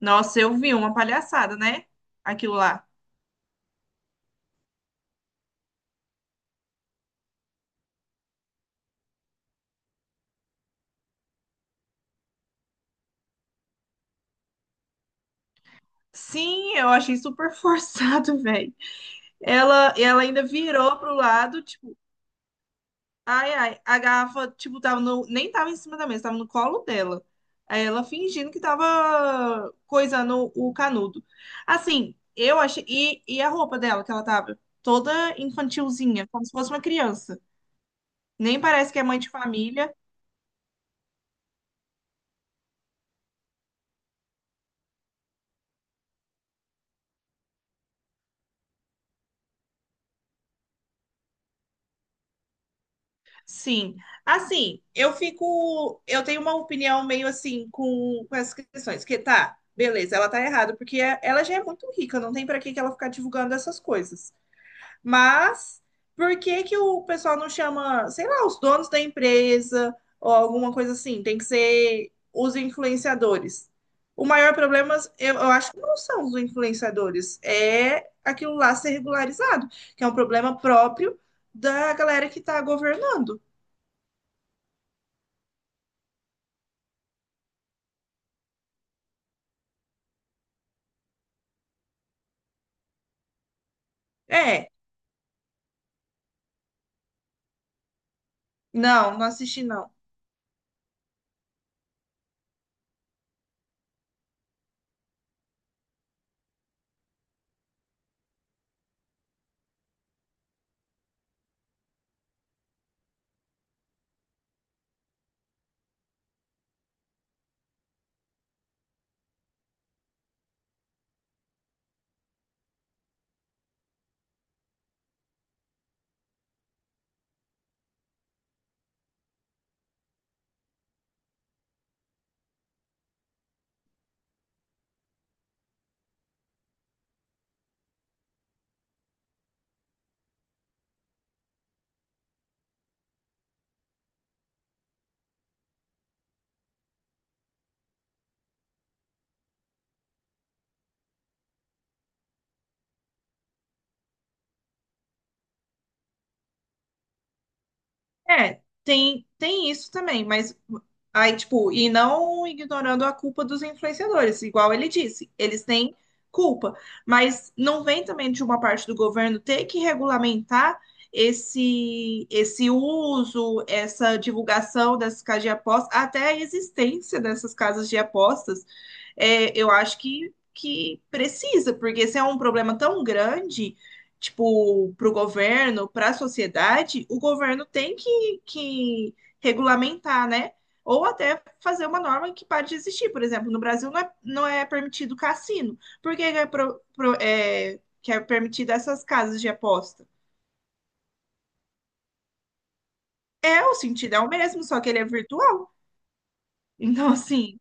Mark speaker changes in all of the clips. Speaker 1: Nossa, eu vi uma palhaçada, né? Aquilo lá. Sim, eu achei super forçado, velho. Ela ainda virou pro lado, tipo, ai, ai, a garrafa, tipo, tava no, nem tava em cima da mesa, tava no colo dela. Aí ela fingindo que tava coisando o canudo. Assim, eu achei. E a roupa dela, que ela tava toda infantilzinha, como se fosse uma criança. Nem parece que é mãe de família. Sim, assim, eu tenho uma opinião meio assim com essas questões, que tá, beleza, ela tá errada, porque ela já é muito rica, não tem pra que que ela ficar divulgando essas coisas. Mas por que que o pessoal não chama, sei lá, os donos da empresa ou alguma coisa assim? Tem que ser os influenciadores. O maior problema, eu acho que não são os influenciadores, é aquilo lá ser regularizado, que é um problema próprio da galera que tá governando. É, não, não assisti não. É, tem tem isso também, mas aí tipo, e não ignorando a culpa dos influenciadores, igual ele disse, eles têm culpa, mas não vem também de uma parte do governo ter que regulamentar esse uso, essa divulgação dessas casas de apostas, até a existência dessas casas de apostas. É, eu acho que precisa, porque se é um problema tão grande tipo, para o governo, para a sociedade, o governo tem que regulamentar, né? Ou até fazer uma norma que pare de existir. Por exemplo, no Brasil não é permitido cassino. Por que é, que é permitido essas casas de aposta? É, o sentido é o mesmo, só que ele é virtual. Então, assim,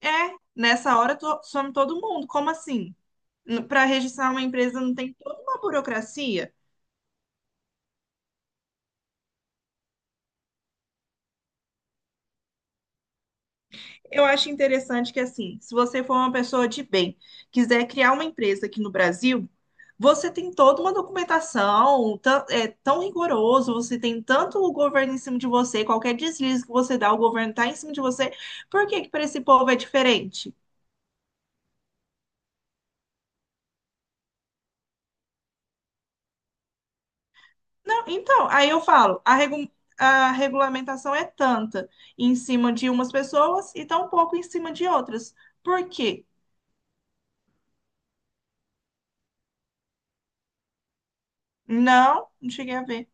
Speaker 1: é, nessa hora some todo mundo. Como assim? Para registrar uma empresa não tem toda uma burocracia? Eu acho interessante que, assim, se você for uma pessoa de bem, quiser criar uma empresa aqui no Brasil, você tem toda uma documentação, é tão rigoroso, você tem tanto o governo em cima de você, qualquer deslize que você dá, o governo tá em cima de você. Por que que para esse povo é diferente? Não, então, aí eu falo, a regulamentação é tanta em cima de umas pessoas e tão pouco em cima de outras. Por quê? Não, não cheguei a ver.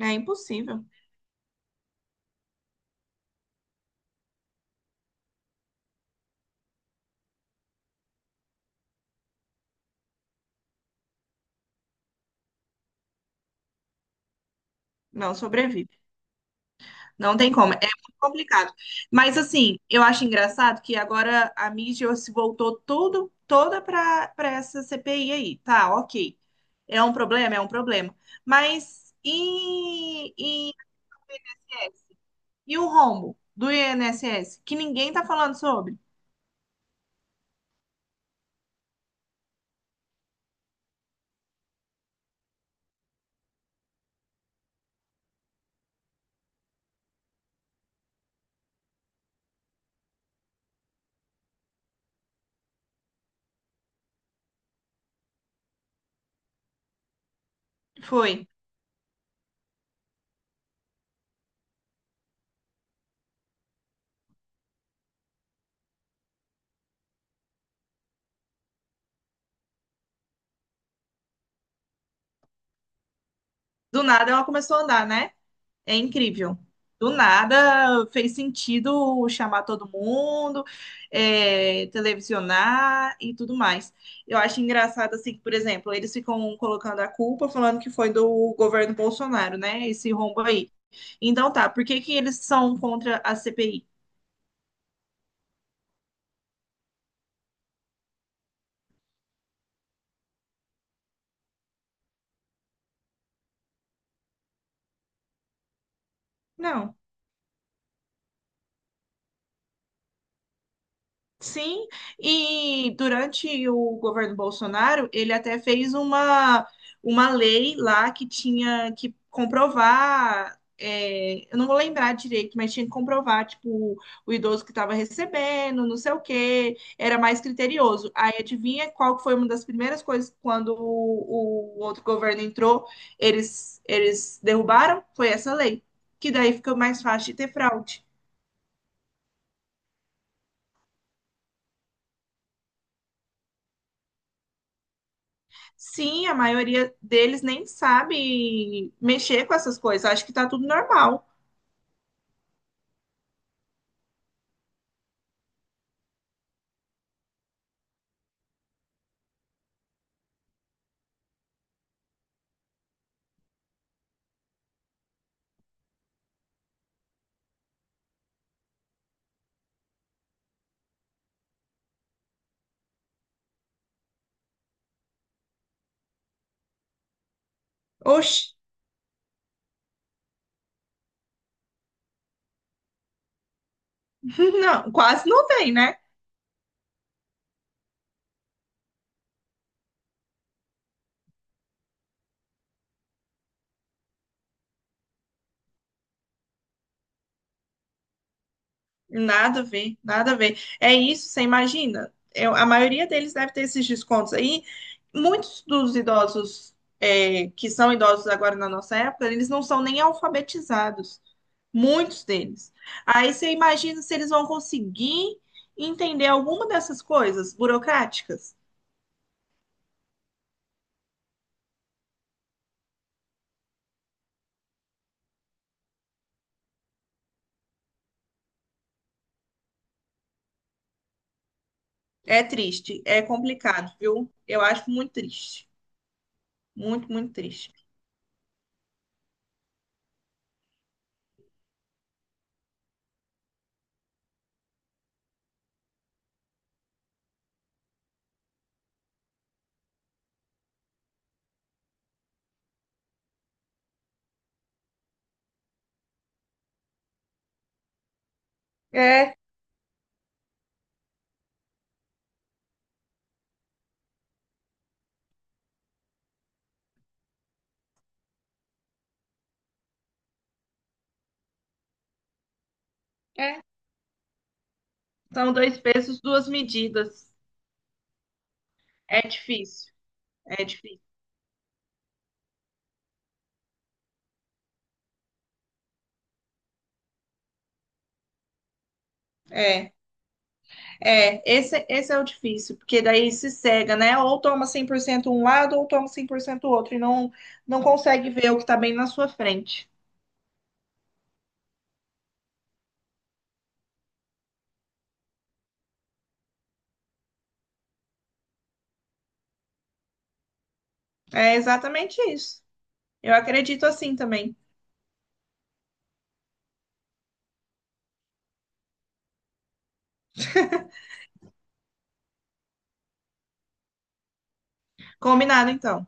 Speaker 1: É impossível. Não sobrevive. Não tem como, é muito complicado. Mas assim, eu acho engraçado que agora a mídia se voltou tudo, toda para essa CPI aí. Tá, ok. É um problema, é um problema. Mas e, e, e o rombo do INSS? Que ninguém tá falando sobre. Foi. Do nada ela começou a andar, né? É incrível. Do nada fez sentido chamar todo mundo, é, televisionar e tudo mais. Eu acho engraçado, assim, que, por exemplo, eles ficam colocando a culpa, falando que foi do governo Bolsonaro, né? Esse rombo aí. Então tá, por que que eles são contra a CPI? Não. Sim, e durante o governo Bolsonaro, ele até fez uma lei lá que tinha que comprovar, é, eu não vou lembrar direito, mas tinha que comprovar, tipo, o idoso que estava recebendo, não sei o quê, era mais criterioso. Aí adivinha qual que foi uma das primeiras coisas que quando o outro governo entrou, eles derrubaram? Foi essa lei, que daí fica mais fácil de ter fraude. Sim, a maioria deles nem sabe mexer com essas coisas. Acho que tá tudo normal. Oxi, não, quase não tem, né? Nada a ver, nada a ver. É isso, você imagina? A maioria deles deve ter esses descontos aí. Muitos dos idosos é, que são idosos agora na nossa época, eles não são nem alfabetizados. Muitos deles. Aí você imagina se eles vão conseguir entender alguma dessas coisas burocráticas? É triste, é complicado, viu? Eu acho muito triste. Muito, muito triste. É, é. São dois pesos, duas medidas. É difícil, é difícil. É, é. Esse é o difícil, porque daí se cega, né? Ou toma 100% um lado, ou toma 100% o outro, e não, não consegue ver o que tá bem na sua frente. É exatamente isso. Eu acredito assim também. Combinado, então.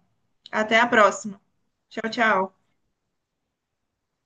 Speaker 1: Até a próxima. Tchau, tchau.